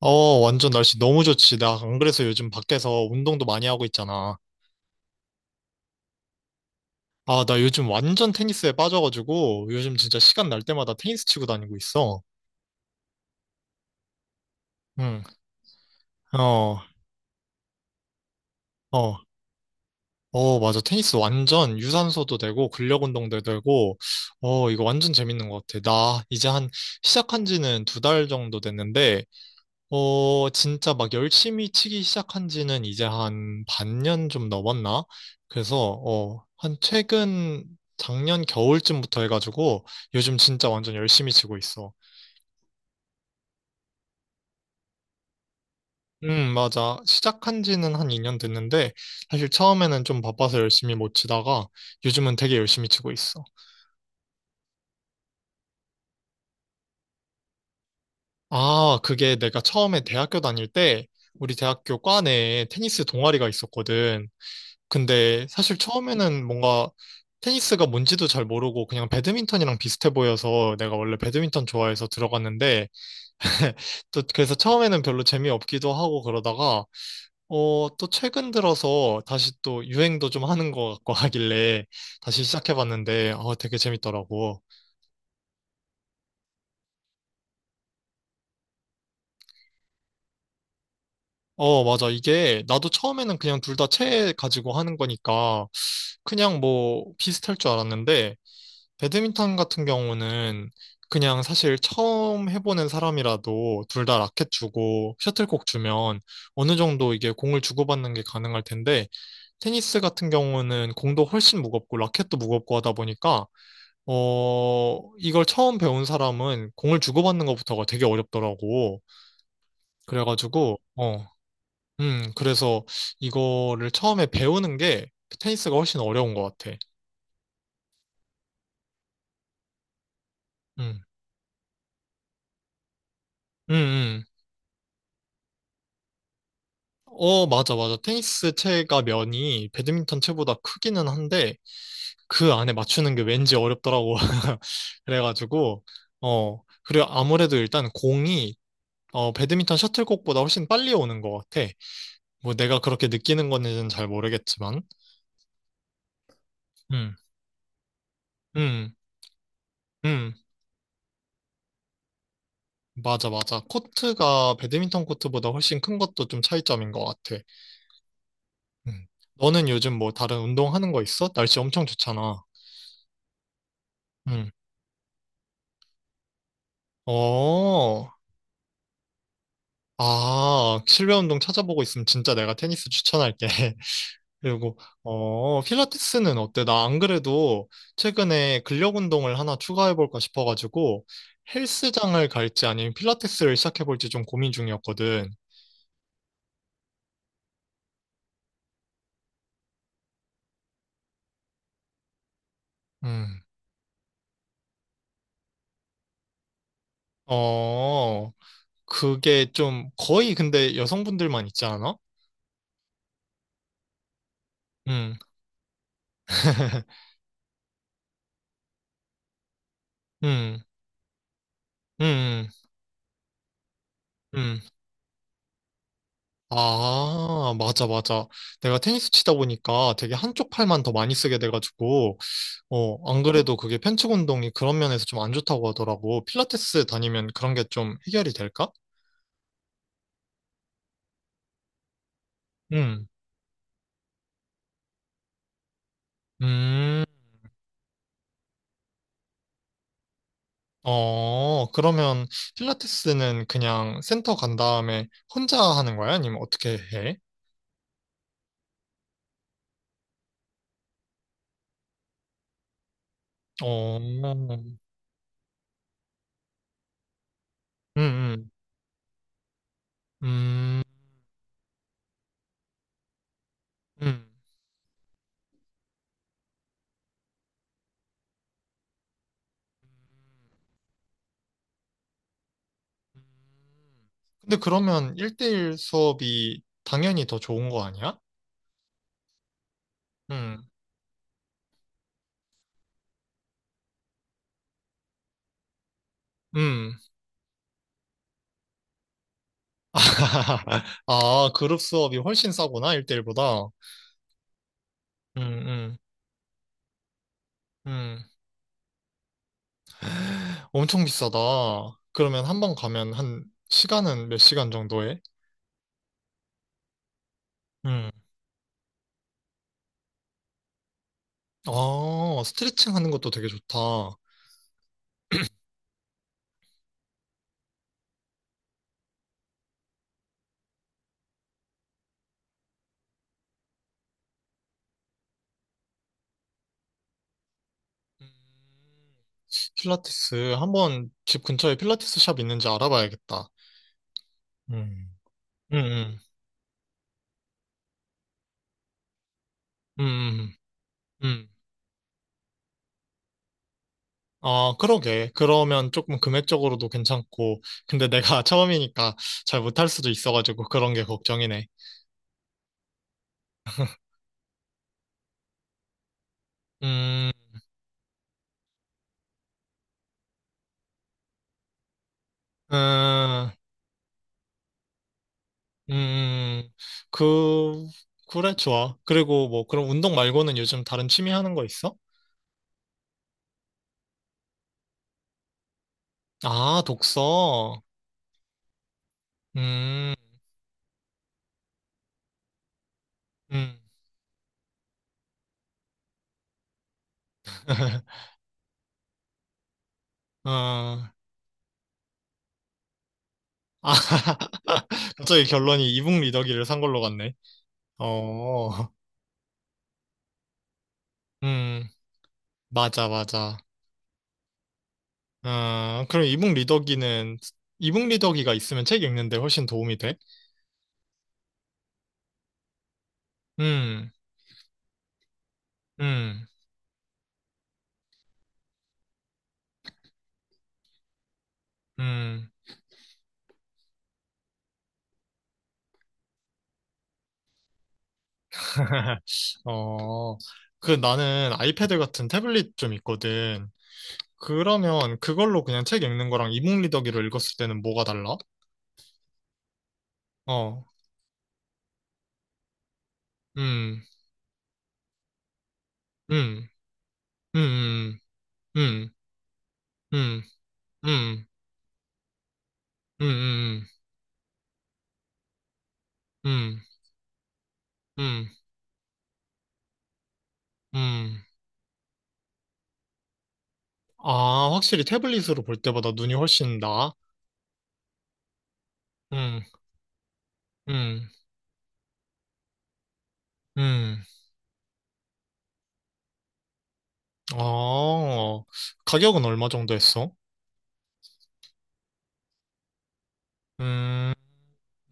어, 완전 날씨 너무 좋지. 나 안 그래서 요즘 밖에서 운동도 많이 하고 있잖아. 아, 나 요즘 완전 테니스에 빠져가지고 요즘 진짜 시간 날 때마다 테니스 치고 다니고 있어. 응, 어, 어, 어, 맞아. 테니스 완전 유산소도 되고 근력 운동도 되고, 어, 이거 완전 재밌는 것 같아. 나 이제 한 시작한 지는 두 달 정도 됐는데, 어, 진짜 막 열심히 치기 시작한 지는 이제 한 반년 좀 넘었나? 그래서, 어, 한 최근 작년 겨울쯤부터 해가지고 요즘 진짜 완전 열심히 치고 있어. 맞아. 시작한 지는 한 2년 됐는데 사실 처음에는 좀 바빠서 열심히 못 치다가 요즘은 되게 열심히 치고 있어. 아, 그게 내가 처음에 대학교 다닐 때 우리 대학교 과 내에 테니스 동아리가 있었거든. 근데 사실 처음에는 뭔가 테니스가 뭔지도 잘 모르고 그냥 배드민턴이랑 비슷해 보여서 내가 원래 배드민턴 좋아해서 들어갔는데 또 그래서 처음에는 별로 재미없기도 하고 그러다가 어, 또 최근 들어서 다시 또 유행도 좀 하는 것 같고 하길래 다시 시작해봤는데 어, 되게 재밌더라고. 어, 맞아. 이게 나도 처음에는 그냥 둘 다 채 가지고 하는 거니까 그냥 뭐 비슷할 줄 알았는데 배드민턴 같은 경우는 그냥 사실 처음 해보는 사람이라도 둘 다 라켓 주고 셔틀콕 주면 어느 정도 이게 공을 주고받는 게 가능할 텐데 테니스 같은 경우는 공도 훨씬 무겁고 라켓도 무겁고 하다 보니까 어 이걸 처음 배운 사람은 공을 주고받는 것부터가 되게 어렵더라고. 그래가지고 그래서 이거를 처음에 배우는 게 테니스가 훨씬 어려운 것 같아. 음. 음, 음. 어, 맞아, 맞아. 테니스 채가 면이 배드민턴 채보다 크기는 한데, 그 안에 맞추는 게 왠지 어렵더라고. 그래가지고, 어, 그리고 아무래도 일단 공이, 배드민턴 셔틀콕보다 훨씬 빨리 오는 것 같아. 뭐 내가 그렇게 느끼는 건지는 잘 모르겠지만, 음, 음, 음. 맞아, 맞아. 코트가 배드민턴 코트보다 훨씬 큰 것도 좀 차이점인 것 같아. 음. 너는 요즘 뭐 다른 운동하는 거 있어? 날씨 엄청 좋잖아. 음. 어. 아, 실내 운동 찾아보고 있으면 진짜 내가 테니스 추천할게. 그리고, 어, 필라테스는 어때? 나 안 그래도 최근에 근력 운동을 하나 추가해볼까 싶어가지고 헬스장을 갈지 아니면 필라테스를 시작해볼지 좀 고민 중이었거든. 음, 어, 그게 좀 거의 근데 여성분들만 있지 않아? 음, 음, 음, 음. 아, 맞아, 맞아. 내가 테니스 치다 보니까 되게 한쪽 팔만 더 많이 쓰게 돼가지고, 어, 안 그래도 그게 편측 운동이 그런 면에서 좀 안 좋다고 하더라고. 필라테스 다니면 그런 게 좀 해결이 될까? 음, 음, 어, 그러면 필라테스는 그냥 센터 간 다음에 혼자 하는 거야? 아니면 어떻게 해? 어, 음, 음, 음. 근데 그러면 1대1 수업이 당연히 더 좋은 거 아니야? 음, 음. 아, 그룹 수업이 훨씬 싸구나, 1대1보다. 음, 음, 음. 엄청 비싸다. 그러면 한 번 가면 한 시간은 몇 시간 정도 해? 음. 아, 스트레칭 하는 것도 되게 좋다. 음, 필라테스. 한번 집 근처에 필라테스 샵 있는지 알아봐야겠다. 응 음, 음, 음, 음. 음. 아, 그러게. 그러면 조금 금액적으로도 괜찮고. 근데 내가 처음이니까 잘 못할 수도 있어가지고 그런 게 걱정이네. 음, 음, 음, 음. 그, 그래, 좋아. 그리고 뭐, 그럼 운동 말고는 요즘 다른 취미 하는 거 있어? 아, 독서. 음, 음, 어, 아, 갑자기 결론이 이북 리더기를 산 걸로 갔네. 어, 음, 맞아, 맞아. 아, 그럼 이북 리더기는, 이북 리더기가 있으면 책 읽는데 훨씬 도움이 돼? 음, 음, 음. 어, 그 나는 아이패드 같은 태블릿 좀 있거든. 그러면 그걸로 그냥 책 읽는 거랑 이북 리더기로 읽었을 때는 뭐가 달라? 어, 음, 음, 음, 음, 음, 음, 음, 음, 음, 음, 음. 음, 음. 아, 확실히 태블릿으로 볼 때보다 눈이 훨씬 나아? 음, 음, 음. 아, 가격은 얼마 정도 했어? 음,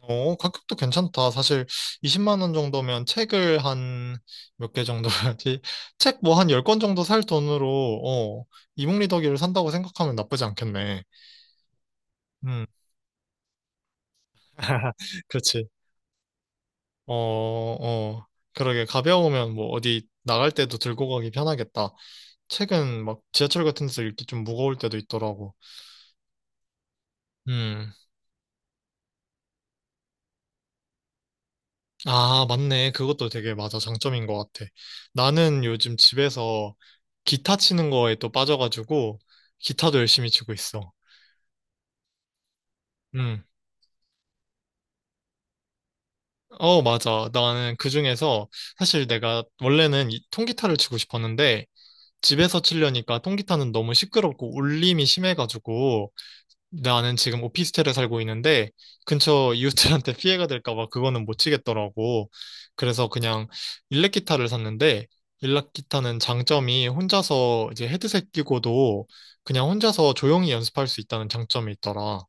어, 가격도 괜찮다. 사실 20만 원 정도면 책을 한 몇 개 정도 해야지? 책 뭐 한 열 권 정도 살 돈으로, 어, 이북리더기를 산다고 생각하면 나쁘지 않겠네. 음, 그렇지. 어, 어, 그러게 가벼우면 뭐 어디 나갈 때도 들고 가기 편하겠다. 책은 막 지하철 같은 데서 읽기 좀 무거울 때도 있더라고. 음. 아, 맞네. 그것도 되게 맞아. 장점인 것 같아. 나는 요즘 집에서 기타 치는 거에 또 빠져가지고 기타도 열심히 치고 있어. 음. 어, 맞아. 나는 그 중에서 사실 내가 원래는 이 통기타를 치고 싶었는데 집에서 치려니까 통기타는 너무 시끄럽고 울림이 심해가지고 나는 지금 오피스텔에 살고 있는데 근처 이웃들한테 피해가 될까 봐 그거는 못 치겠더라고. 그래서 그냥 일렉 기타를 샀는데 일렉 기타는 장점이 혼자서 이제 헤드셋 끼고도 그냥 혼자서 조용히 연습할 수 있다는 장점이 있더라.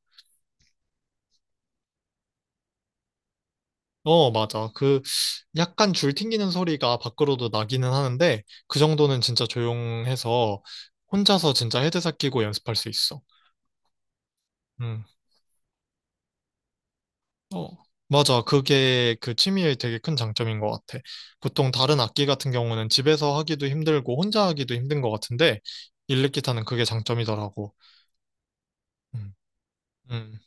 어, 맞아. 그 약간 줄 튕기는 소리가 밖으로도 나기는 하는데 그 정도는 진짜 조용해서 혼자서 진짜 헤드셋 끼고 연습할 수 있어. 음. 어, 맞아. 그게 그 취미의 되게 큰 장점인 것 같아. 보통 다른 악기 같은 경우는 집에서 하기도 힘들고 혼자 하기도 힘든 것 같은데, 일렉기타는 그게 장점이더라고. 음. 음.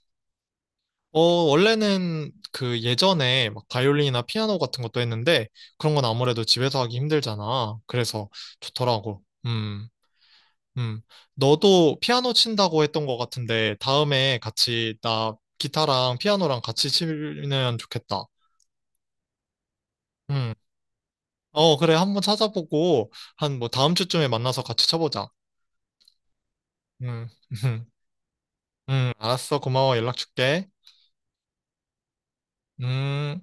어, 원래는 그 예전에 막 바이올린이나 피아노 같은 것도 했는데, 그런 건 아무래도 집에서 하기 힘들잖아. 그래서 좋더라고. 음. 너도 피아노 친다고 했던 것 같은데, 다음에 같이 나 기타랑 피아노랑 같이 치면 좋겠다. 음. 어, 그래. 한번 찾아보고, 한 뭐 다음 주쯤에 만나서 같이 쳐보자. 음, 알았어. 고마워. 연락 줄게. 음.